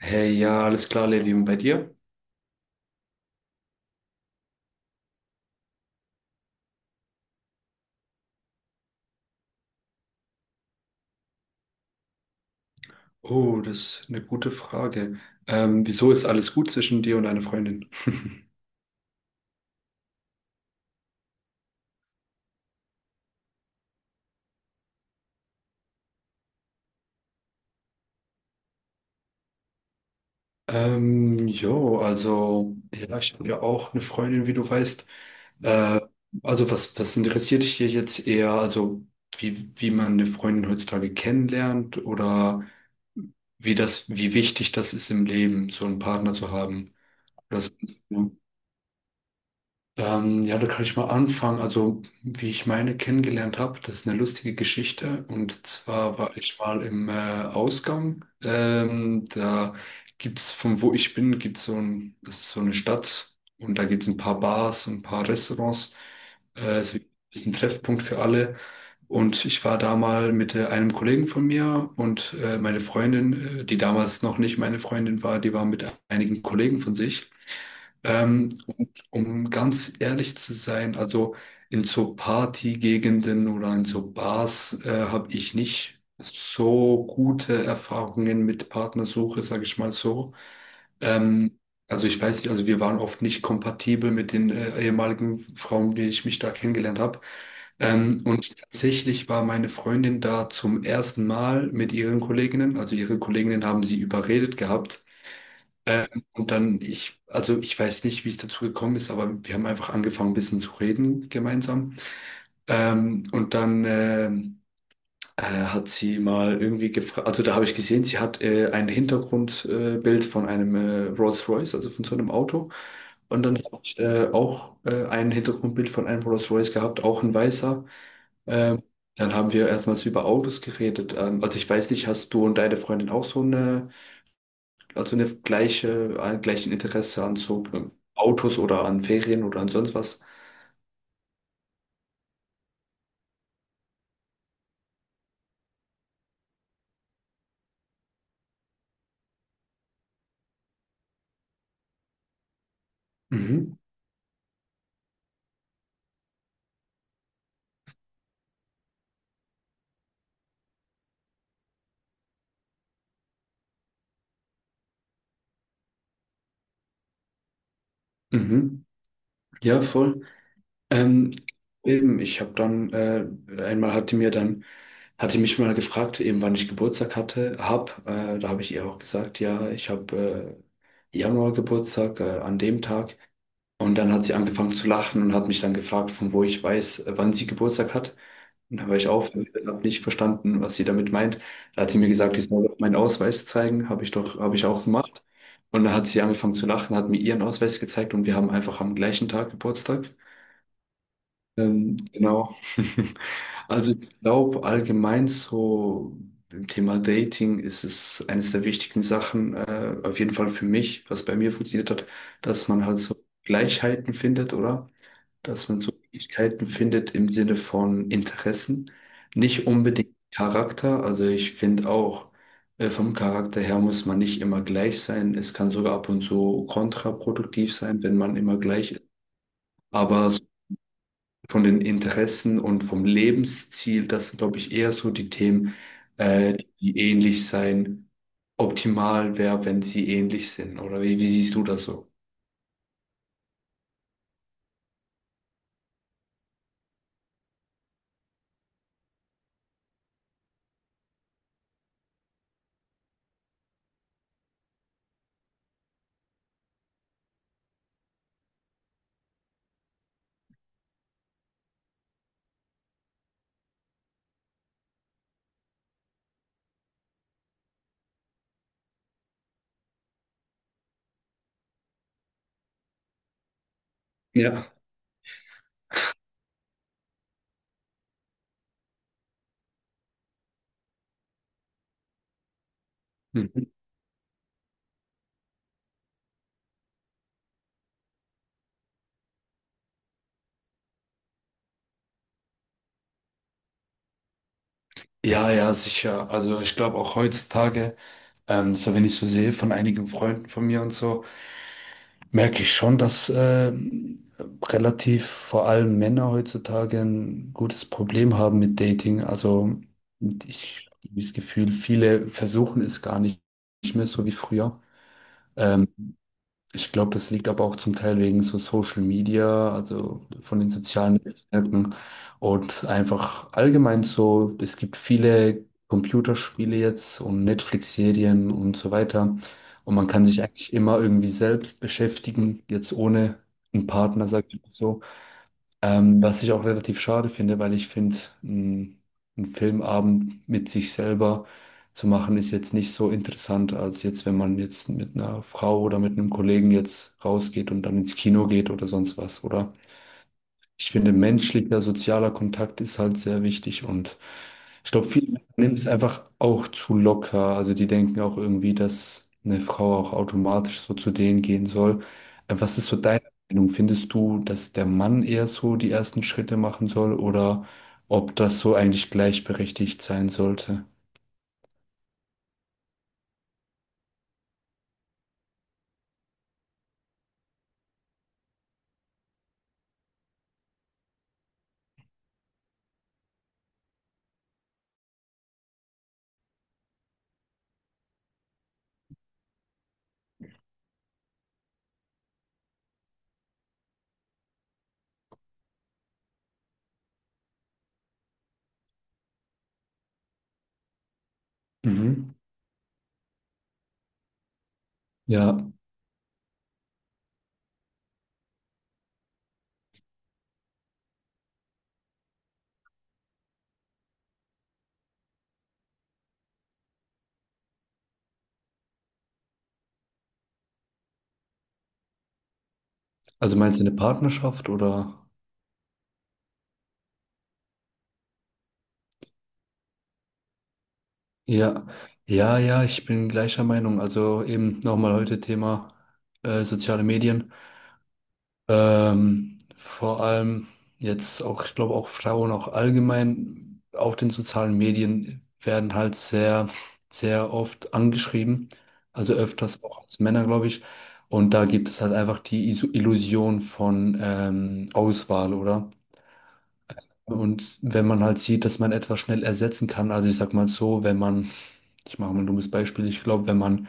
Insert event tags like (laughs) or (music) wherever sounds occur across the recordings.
Hey, ja, alles klar, Levi, und bei dir? Oh, das ist eine gute Frage. Wieso ist alles gut zwischen dir und deiner Freundin? Ja, ich habe ja auch eine Freundin, wie du weißt. Äh, also, was interessiert dich hier jetzt eher? Also, wie man eine Freundin heutzutage kennenlernt oder wie das, wie wichtig das ist im Leben, so einen Partner zu haben? Das, ja. Ja, da kann ich mal anfangen. Also, wie ich meine kennengelernt habe, das ist eine lustige Geschichte. Und zwar war ich mal im Ausgang. Da gibt's, von wo ich bin, gibt's so ein, das ist so eine Stadt und da gibt's ein paar Bars und ein paar Restaurants. Es ist ein Treffpunkt für alle. Und ich war da mal mit einem Kollegen von mir und meine Freundin, die damals noch nicht meine Freundin war, die war mit einigen Kollegen von sich. Ähm, und um ganz ehrlich zu sein, also in so Partygegenden oder in so Bars habe ich nicht so gute Erfahrungen mit Partnersuche, sage ich mal so. Ähm, also ich weiß nicht, also wir waren oft nicht kompatibel mit den ehemaligen Frauen, die ich mich da kennengelernt habe. Und tatsächlich war meine Freundin da zum ersten Mal mit ihren Kolleginnen. Also ihre Kolleginnen haben sie überredet gehabt, und also ich weiß nicht, wie es dazu gekommen ist, aber wir haben einfach angefangen, ein bisschen zu reden gemeinsam. Und dann Hat sie mal irgendwie gefragt, also da habe ich gesehen, sie hat ein Hintergrundbild Bild von einem Rolls-Royce, also von so einem Auto. Und dann habe ich auch ein Hintergrundbild von einem Rolls-Royce gehabt, auch ein weißer. Ähm, Dann haben wir erstmals über Autos geredet. Also ich weiß nicht, hast du und deine Freundin auch so eine, also eine gleiche, ein gleichen Interesse an so Autos oder an Ferien oder an sonst was? Mhm. Mhm. Ja, voll. Ähm, eben, ich habe dann, einmal hat die mir dann, hatte mich mal gefragt, eben wann ich Geburtstag hatte, da habe ich ihr auch gesagt, ja, ich habe Januar Geburtstag, an dem Tag. Und dann hat sie angefangen zu lachen und hat mich dann gefragt, von wo ich weiß, wann sie Geburtstag hat. Und dann war ich auf, habe nicht verstanden, was sie damit meint. Da hat sie mir gesagt, ich soll doch meinen Ausweis zeigen. Habe ich doch, habe ich auch gemacht. Und dann hat sie angefangen zu lachen, hat mir ihren Ausweis gezeigt und wir haben einfach am gleichen Tag Geburtstag. Genau. (laughs) Also ich glaube allgemein so im Thema Dating ist es eines der wichtigen Sachen, auf jeden Fall für mich, was bei mir funktioniert hat, dass man halt so Gleichheiten findet, oder? Dass man so Fähigkeiten findet im Sinne von Interessen, nicht unbedingt Charakter. Also ich finde auch, vom Charakter her muss man nicht immer gleich sein. Es kann sogar ab und zu kontraproduktiv sein, wenn man immer gleich ist. Aber so von den Interessen und vom Lebensziel, das sind, glaube ich, eher so die Themen, die ähnlich sein. Optimal wäre, wenn sie ähnlich sind. Oder wie siehst du das so? Ja. Mhm. Ja, ja, sicher. Also ich glaube auch heutzutage. So wenn ich so sehe von einigen Freunden von mir und so, merke ich schon, dass relativ vor allem Männer heutzutage ein gutes Problem haben mit Dating. Also ich habe das Gefühl, viele versuchen es gar nicht mehr so wie früher. Ähm, Ich glaube, das liegt aber auch zum Teil wegen so Social Media, also von den sozialen Netzwerken und einfach allgemein so, es gibt viele Computerspiele jetzt und Netflix-Serien und so weiter. Und man kann sich eigentlich immer irgendwie selbst beschäftigen, jetzt ohne einen Partner, sag ich mal so. Was ich auch relativ schade finde, weil ich finde, ein, ein Filmabend mit sich selber zu machen, ist jetzt nicht so interessant, als jetzt, wenn man jetzt mit einer Frau oder mit einem Kollegen jetzt rausgeht und dann ins Kino geht oder sonst was, oder? Ich finde, menschlicher, sozialer Kontakt ist halt sehr wichtig und ich glaube, viele Männer nehmen es einfach auch zu locker. Also die denken auch irgendwie, dass eine Frau auch automatisch so zu denen gehen soll. Was ist so deine Meinung? Findest du, dass der Mann eher so die ersten Schritte machen soll oder ob das so eigentlich gleichberechtigt sein sollte? Mhm. Ja, also meinst du eine Partnerschaft oder? Ja, ja, ich bin gleicher Meinung. Also eben nochmal heute Thema soziale Medien. Vor allem jetzt auch, ich glaube auch Frauen auch allgemein auf den sozialen Medien werden halt sehr, sehr oft angeschrieben, also öfters auch als Männer, glaube ich. Und da gibt es halt einfach die Illusion von Auswahl, oder? Und wenn man halt sieht, dass man etwas schnell ersetzen kann, also ich sag mal so, wenn man, ich mache mal ein dummes Beispiel, ich glaube, wenn man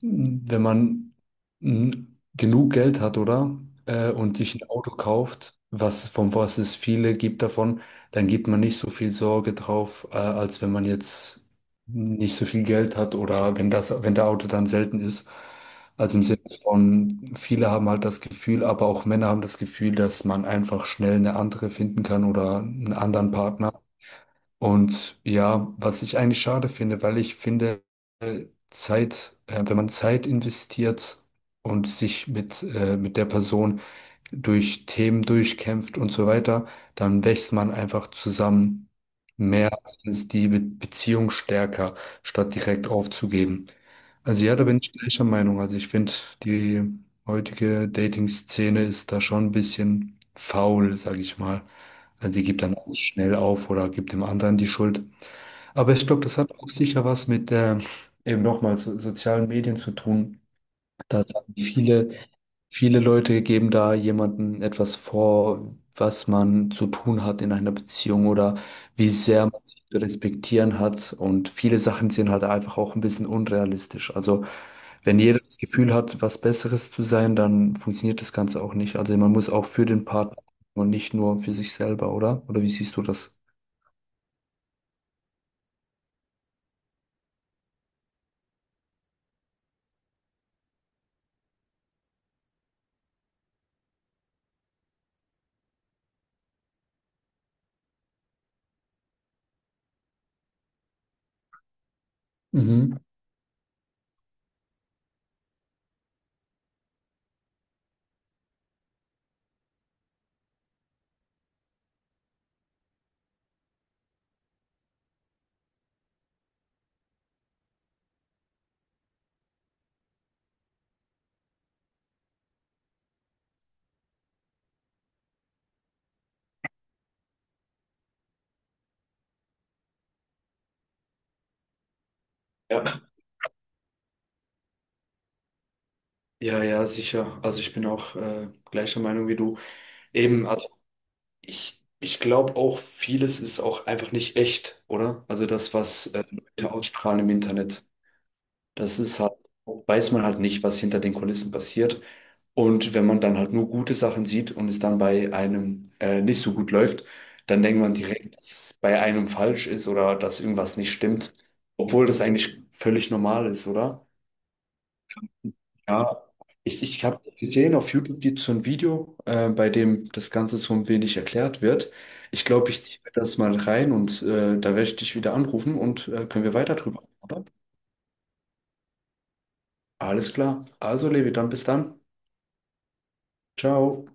wenn man mm, genug Geld hat, oder? Und sich ein Auto kauft, was, von was es viele gibt davon, dann gibt man nicht so viel Sorge drauf, als wenn man jetzt nicht so viel Geld hat oder wenn das, wenn der Auto dann selten ist. Also im Sinne von, viele haben halt das Gefühl, aber auch Männer haben das Gefühl, dass man einfach schnell eine andere finden kann oder einen anderen Partner. Und ja, was ich eigentlich schade finde, weil ich finde, wenn man Zeit investiert und sich mit der Person durch Themen durchkämpft und so weiter, dann wächst man einfach zusammen mehr, Mhm. Ist die Be Beziehung stärker, statt direkt aufzugeben. Also ja, da bin ich gleicher Meinung. Also ich finde, die heutige Dating-Szene ist da schon ein bisschen faul, sage ich mal. Also die gibt dann auch schnell auf oder gibt dem anderen die Schuld. Aber ich glaube, das hat auch sicher was mit eben nochmal so, sozialen Medien zu tun. Da haben viele Leute geben da jemandem etwas vor, was man zu tun hat in einer Beziehung oder wie sehr man sich zu respektieren hat. Und viele Sachen sind halt einfach auch ein bisschen unrealistisch. Also wenn jeder das Gefühl hat, was Besseres zu sein, dann funktioniert das Ganze auch nicht. Also man muss auch für den Partner und nicht nur für sich selber, oder? Oder wie siehst du das? Mhm. Ja. Ja, ja, sicher. Also ich bin auch gleicher Meinung wie du. Eben, also ich glaube auch, vieles ist auch einfach nicht echt, oder? Also das, was Leute ausstrahlen im Internet, das ist halt, weiß man halt nicht, was hinter den Kulissen passiert. Und wenn man dann halt nur gute Sachen sieht und es dann bei einem nicht so gut läuft, dann denkt man direkt, dass es bei einem falsch ist oder dass irgendwas nicht stimmt, obwohl das eigentlich völlig normal ist, oder? Ja, ich habe gesehen, auf YouTube gibt es so ein Video, bei dem das Ganze so ein wenig erklärt wird. Ich glaube, ich ziehe mir das mal rein und da werde ich dich wieder anrufen und können wir weiter drüber, oder? Alles klar. Also, Levi, dann bis dann. Ciao.